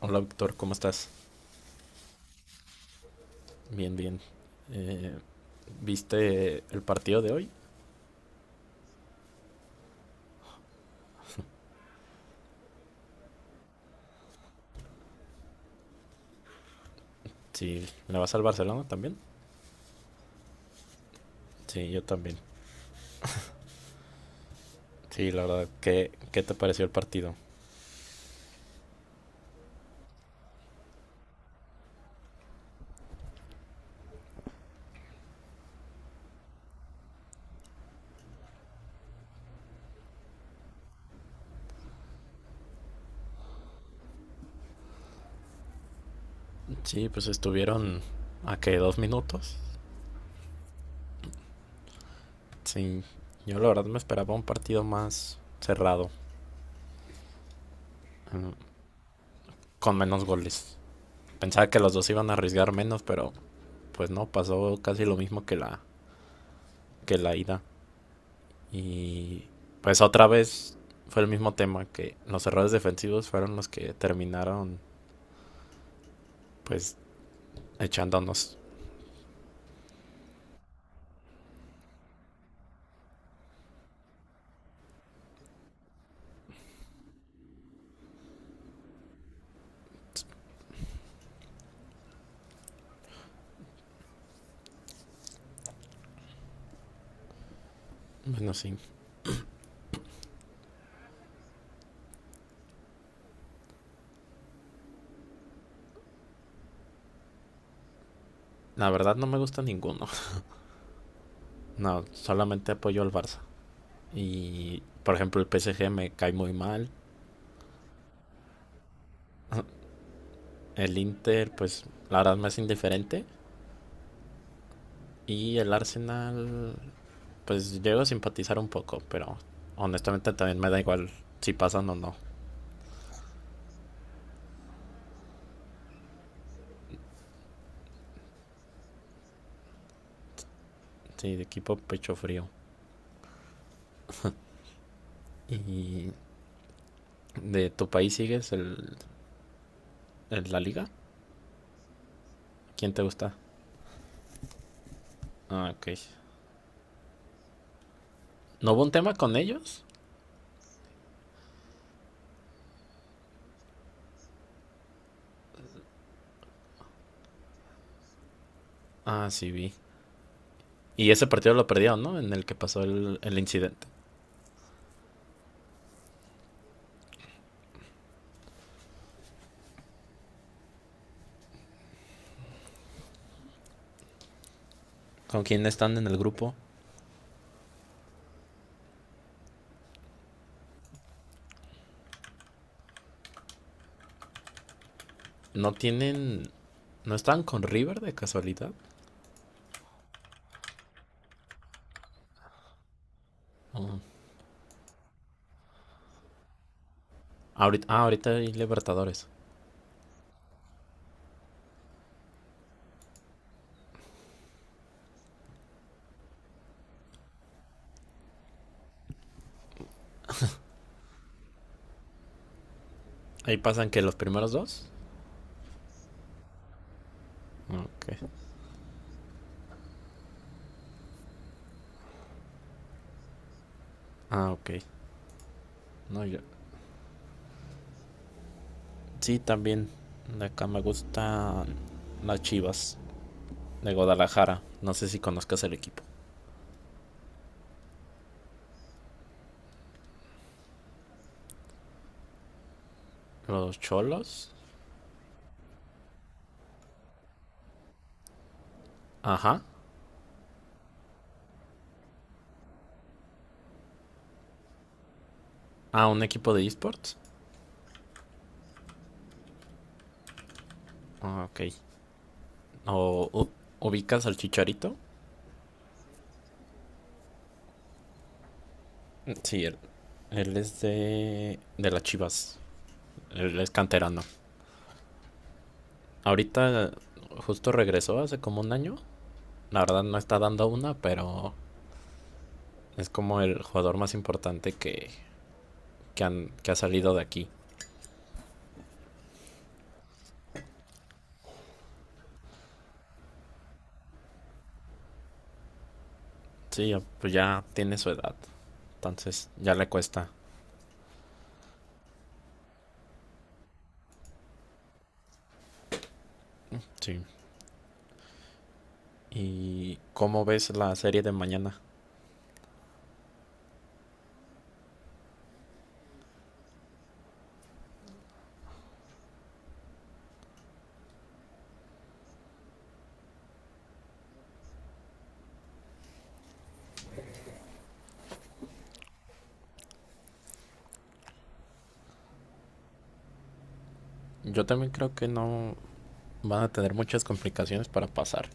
Hola, Víctor, ¿cómo estás? Bien, bien. Eh, ¿Viste el partido de hoy? Sí, ¿le vas al Barcelona también? Sí, yo también. Sí, la verdad, ¿qué te pareció el partido? Sí, pues estuvieron a que 2 minutos. Sí, yo la verdad me esperaba un partido más cerrado, mm, con menos goles. Pensaba que los dos iban a arriesgar menos, pero pues no, pasó casi lo mismo que la ida. Y pues otra vez fue el mismo tema que los errores defensivos fueron los que terminaron pues echándonos. Bueno, sí. La verdad no me gusta ninguno. No, solamente apoyo al Barça. Y por ejemplo el PSG me cae muy mal. El Inter pues la verdad me es indiferente. Y el Arsenal pues llego a simpatizar un poco, pero honestamente también me da igual si pasan o no. Sí, de equipo pecho frío. Y de tu país sigues el ¿En la liga? ¿Quién te gusta? Ah, ok. ¿No hubo un tema con ellos? Ah, sí, vi. Y ese partido lo perdieron, ¿no? En el que pasó el incidente. ¿Con quién están en el grupo? ¿No tienen... ¿No están con River de casualidad? Ahorita hay Libertadores. Ahí pasan que los primeros dos. Ok. Ah, ok. No, yo... Sí, también. De acá me gustan las Chivas de Guadalajara. No sé si conozcas el equipo. Los Cholos. Ajá. Ah, un equipo de esports. Ah, ok. ¿O ubicas al Chicharito? Sí, él es de las Chivas. Él es canterano. Ahorita justo regresó hace como un año. La verdad no está dando una, pero es como el jugador más importante que ha salido de aquí. Sí, pues ya tiene su edad. Entonces ya le cuesta. Sí. ¿Y cómo ves la serie de mañana? Yo también creo que no van a tener muchas complicaciones para pasar.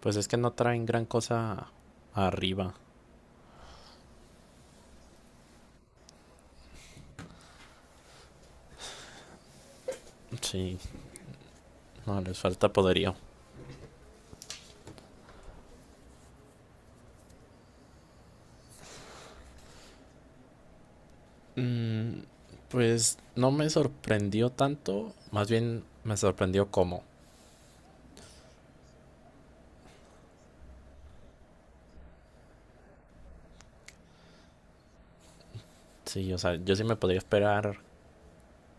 Pues es que no traen gran cosa arriba. Sí, no les falta poderío. Mm, pues no me sorprendió tanto, más bien me sorprendió cómo. Sí, o sea, yo sí me podría esperar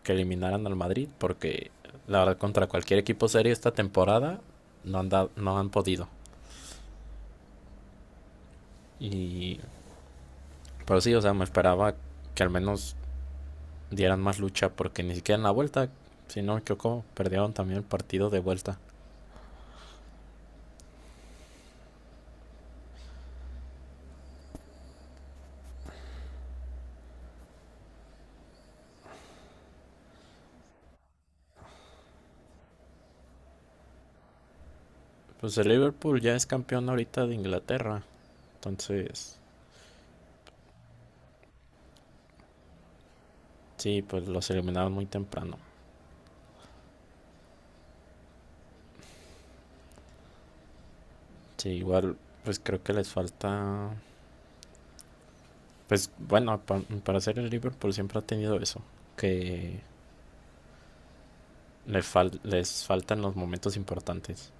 que eliminaran al Madrid porque la verdad contra cualquier equipo serio esta temporada no han podido. Y pero sí, o sea, me esperaba que al menos dieran más lucha porque ni siquiera en la vuelta, si no me equivoco, perdieron también el partido de vuelta. Pues el Liverpool ya es campeón ahorita de Inglaterra. Entonces, sí, pues los eliminaron muy temprano. Sí, igual, pues creo que les falta. Pues bueno, para ser el Liverpool siempre ha tenido eso. Que les faltan los momentos importantes.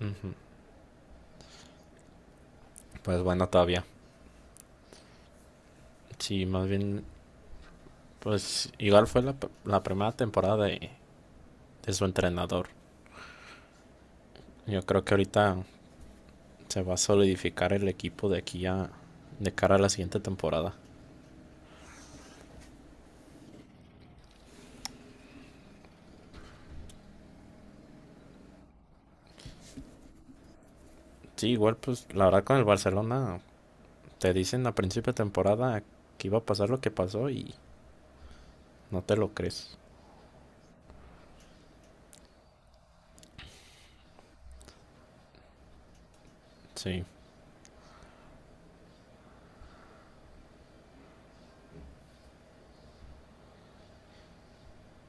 Ujú. Pues bueno, todavía. Sí, más bien, pues igual fue la primera temporada de su entrenador. Yo creo que ahorita se va a solidificar el equipo de aquí a, de cara a la siguiente temporada. Sí, igual, pues la verdad con el Barcelona te dicen a principio de temporada que iba a pasar lo que pasó y no te lo crees. Sí,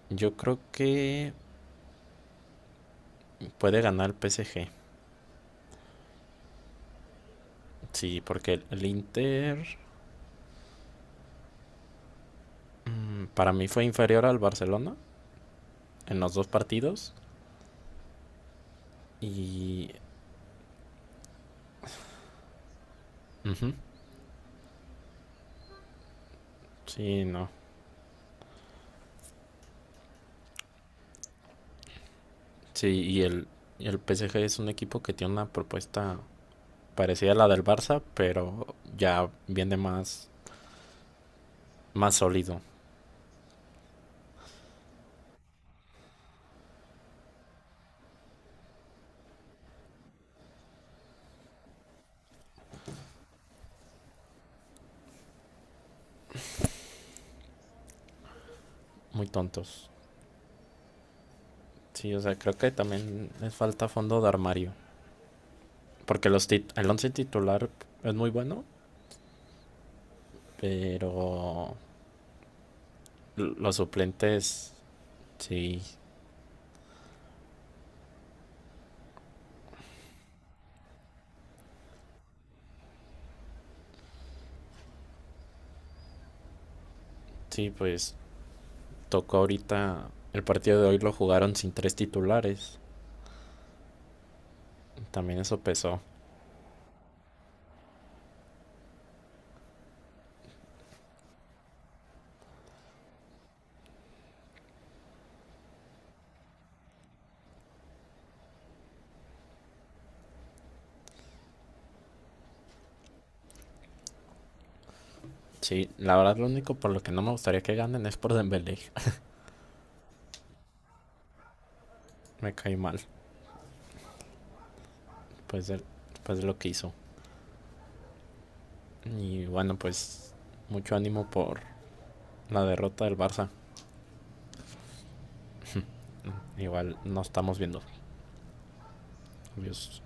yo creo que puede ganar el PSG. Sí, porque el Inter para mí fue inferior al Barcelona en los dos partidos y... ujú, sí, no. Sí, y el PSG es un equipo que tiene una propuesta parecida a la del Barça, pero ya viene más sólido. Muy tontos. Sí, o sea, creo que también les falta fondo de armario. Porque el once titular es muy bueno, pero los suplentes, sí, sí, pues tocó ahorita. El partido de hoy lo jugaron sin tres titulares. También eso pesó. Sí, la verdad lo único por lo que no me gustaría que ganen es por Dembélé. Me cae mal, pues de, pues de lo que hizo. Y bueno, pues mucho ánimo por la derrota del Barça. Igual no estamos viendo. Adiós.